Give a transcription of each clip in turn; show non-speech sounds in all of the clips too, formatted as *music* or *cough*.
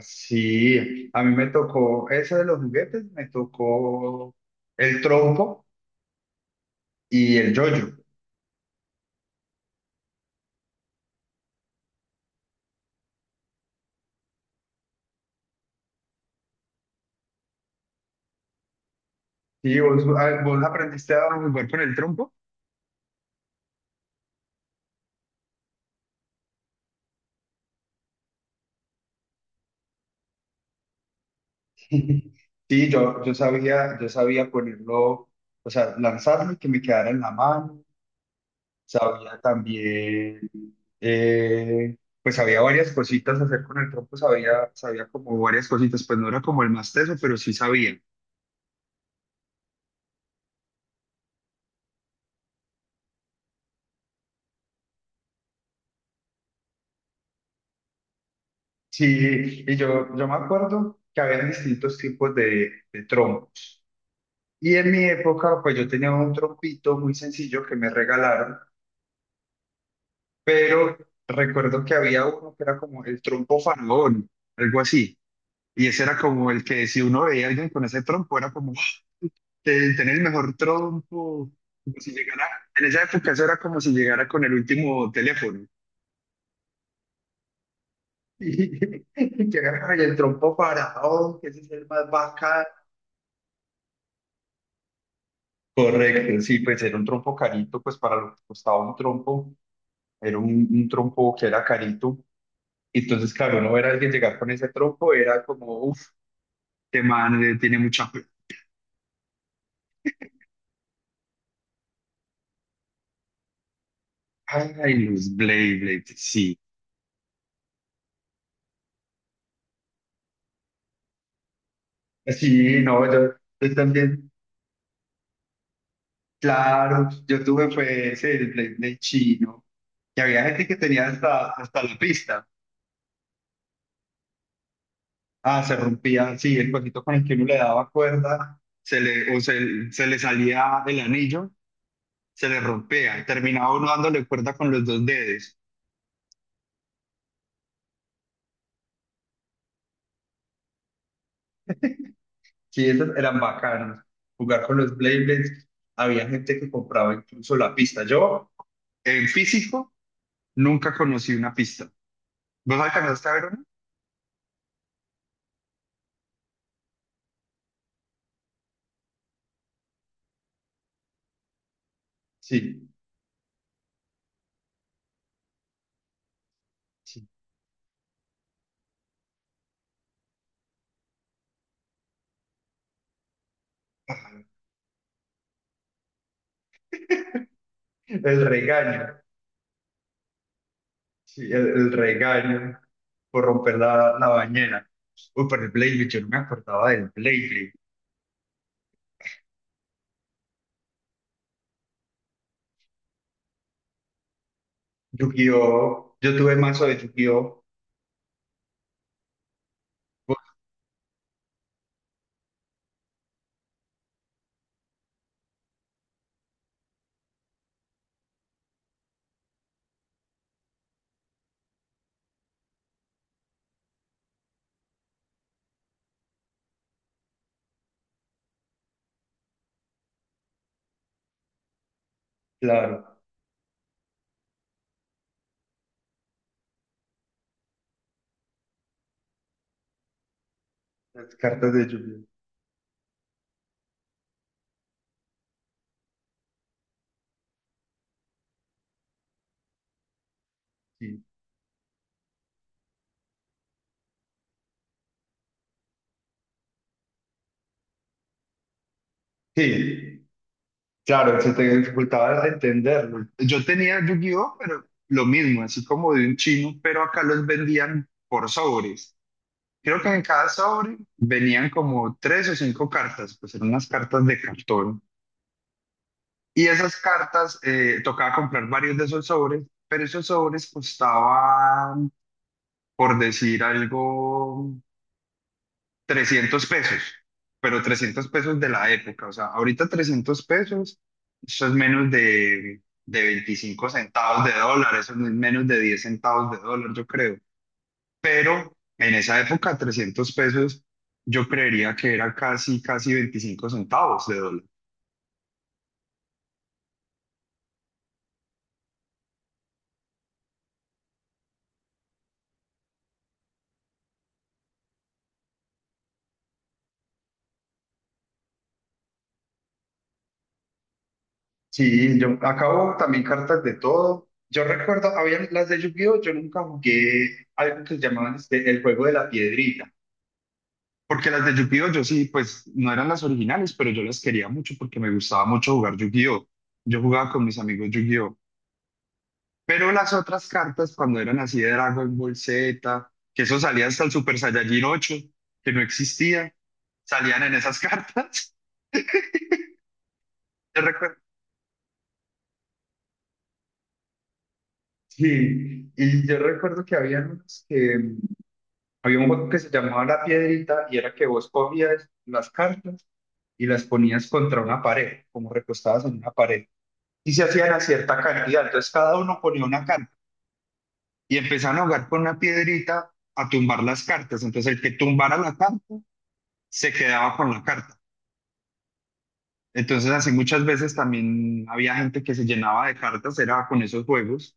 Sí, a mí me tocó, ese de los juguetes, me tocó el trompo y el yoyo. Sí, vos, vos aprendiste a jugar con el trompo. *laughs* Sí, yo sabía ponerlo, o sea, lanzarlo y que me quedara en la mano. Sabía también, eh, pues había varias cositas hacer con el trompo, sabía como varias cositas, pues no era como el más teso, pero sí sabía. Sí, y yo me acuerdo que había distintos tipos de trompos. Y en mi época, pues yo tenía un trompito muy sencillo que me regalaron, pero recuerdo que había uno que era como el trompo faraón, algo así. Y ese era como el que si uno veía a alguien con ese trompo, era como tener el mejor trompo, como si llegara, en esa época eso era como si llegara con el último teléfono. *laughs* Y que agarra, "Ay, el trompo faraón, que ese es el más bacán". Correcto, sí, pues era un trompo carito, pues para lo que costaba un trompo, era un trompo que era carito. Entonces, claro, no era alguien llegar con ese trompo, era como, uff, este man tiene mucha plata. Ay, los Blade, Blade, sí. Sí, no, yo también, claro, yo tuve fue ese, el Blade Blade chino, que había gente que tenía hasta la pista. Ah, se rompía, sí, el cosito con el que uno le daba cuerda, se le salía el anillo, se le rompea y terminaba uno dándole cuerda con los dos dedos. Sí, esos eran bacanos. Jugar con los Beyblades, había gente que compraba incluso la pista. Yo, en físico, nunca conocí una pista. ¿Vos alcanzaste a ver una? Sí, sí. El regaño, sí, el regaño por romper la bañera. Uy, pero el Beyblade, yo no me acordaba del Beyblade. ¡Yu-Gi-Oh! Yo tuve mazo de Yu-Gi-Oh. Claro, las cartas de Yu-Gi-Oh. Sí. Sí. Claro, se te dificultaba entenderlo. Yo tenía Yu-Gi-Oh, pero lo mismo, así como de un chino, pero acá los vendían por sobres. Creo que en cada sobre venían como tres o cinco cartas, pues eran unas cartas de cartón. Y esas cartas, tocaba comprar varios de esos sobres, pero esos sobres costaban, por decir algo, 300 pesos, pero 300 pesos de la época, o sea, ahorita 300 pesos, eso es menos de 25 centavos de dólar, eso no es menos de 10 centavos de dólar, yo creo, pero en esa época 300 pesos, yo creería que era casi, casi 25 centavos de dólar. Sí, yo acabo también cartas de todo. Yo recuerdo, había las de Yu-Gi-Oh, yo nunca jugué algo que llamaban este, el juego de la piedrita. Porque las de Yu-Gi-Oh yo sí, pues no eran las originales, pero yo las quería mucho porque me gustaba mucho jugar Yu-Gi-Oh. Yo jugaba con mis amigos Yu-Gi-Oh. Pero las otras cartas, cuando eran así de Dragon Ball Z, que eso salía hasta el Super Saiyajin 8, que no existía, salían en esas cartas. *laughs* Yo recuerdo, sí, y yo recuerdo que había unos que, había un juego que se llamaba La Piedrita y era que vos cogías las cartas y las ponías contra una pared, como recostadas en una pared. Y se hacían a cierta cantidad. Entonces cada uno ponía una carta y empezaban a jugar con una piedrita a tumbar las cartas. Entonces el que tumbara la carta se quedaba con la carta. Entonces así muchas veces también había gente que se llenaba de cartas, era con esos juegos.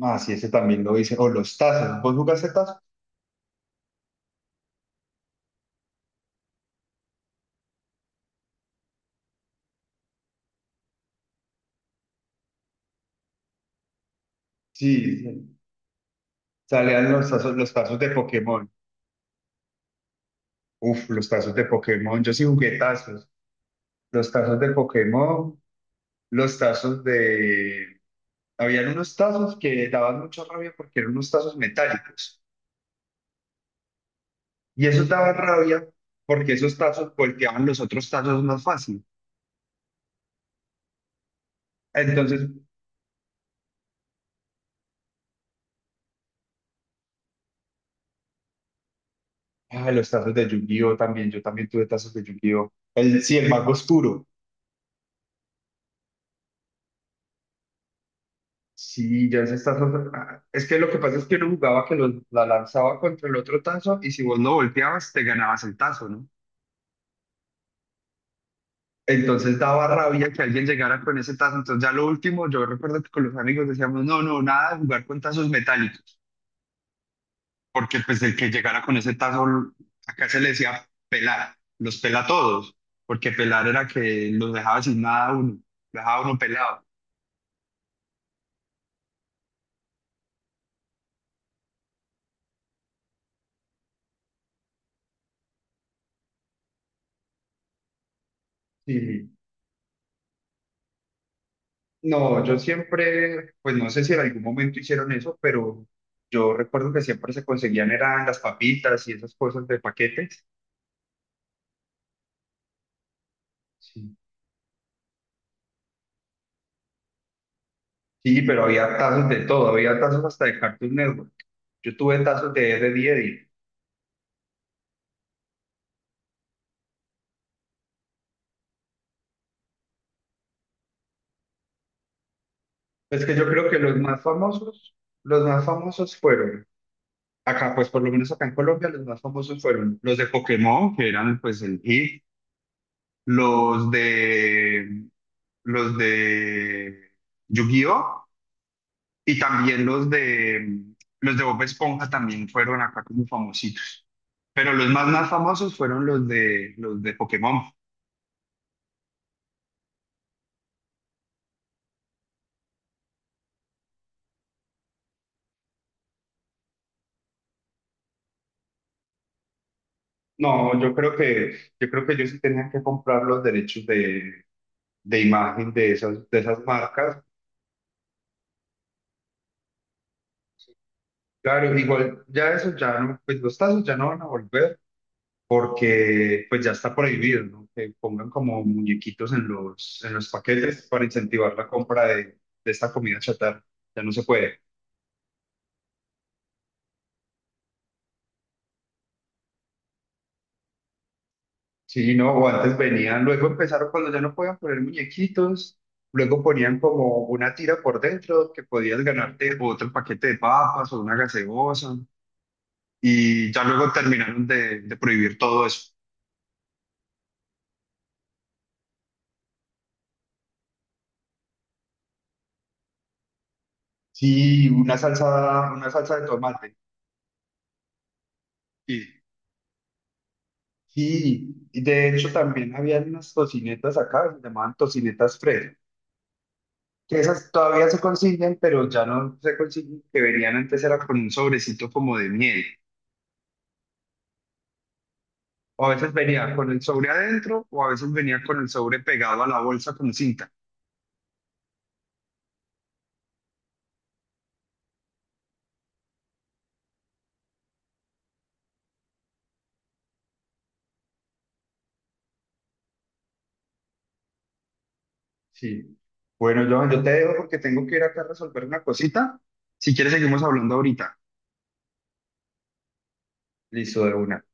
Ah, sí, ese también lo hice. O los tazos. ¿Vos jugaste tazos? Sí, salían los tazos de Pokémon. Uf, los tazos de Pokémon. Yo sí jugué tazos. Los tazos de Pokémon, los tazos de, habían unos tazos que daban mucha rabia porque eran unos tazos metálicos. Y esos daban rabia porque esos tazos golpeaban los otros tazos más fácil. Entonces, ah, los tazos de Yu-Gi-Oh también, yo también tuve tazos de Yu-Gi-Oh. Sí, el mago oscuro. Sí, ya esos tazos. Ah, es que lo que pasa es que uno jugaba que la lanzaba contra el otro tazo y si vos no volteabas, te ganabas el tazo, ¿no? Entonces daba rabia que alguien llegara con ese tazo. Entonces, ya lo último, yo recuerdo que con los amigos decíamos, no, no, nada de jugar con tazos metálicos. Porque pues el que llegara con ese tazo, acá se le decía pelar, los pela a todos, porque pelar era que los dejaba sin nada a uno, lo dejaba a uno pelado. Sí. No, yo siempre, pues no sé si en algún momento hicieron eso, pero yo recuerdo que siempre se conseguían eran las papitas y esas cosas de paquetes. Sí. Sí, pero había tazos de todo, había tazos hasta de Cartoon Network. Yo tuve tazos de Ed, Eddy Eddy. Es que yo creo que los más famosos fueron... Acá, pues por lo menos acá en Colombia, los más famosos fueron los de Pokémon, que eran pues el hit, los de los de Yu-Gi-Oh y también los de Bob Esponja también fueron acá como famositos. Pero los más más famosos fueron los de Pokémon. No, yo creo que yo sí tenía que comprar los derechos de imagen de esas marcas. Claro, igual ya eso ya no, pues los tazos ya no van a volver porque pues ya está prohibido, ¿no? Que pongan como muñequitos en los paquetes para incentivar la compra de esta comida chatarra. Ya no se puede. Sí, no, o antes venían, luego empezaron cuando ya no podían poner muñequitos, luego ponían como una tira por dentro que podías ganarte otro paquete de papas o una gaseosa, y ya luego terminaron de prohibir todo eso. Sí, una salsa de tomate. Y Sí, y de hecho también habían unas tocinetas acá, se llamaban tocinetas Fred, que esas todavía se consiguen, pero ya no se consiguen, que venían antes era con un sobrecito como de miel, o a veces venía con el sobre adentro, o a veces venía con el sobre pegado a la bolsa con cinta. Sí. Bueno, Johan, yo te dejo porque tengo que ir acá a resolver una cosita. Si quieres, seguimos hablando ahorita. Listo, de una.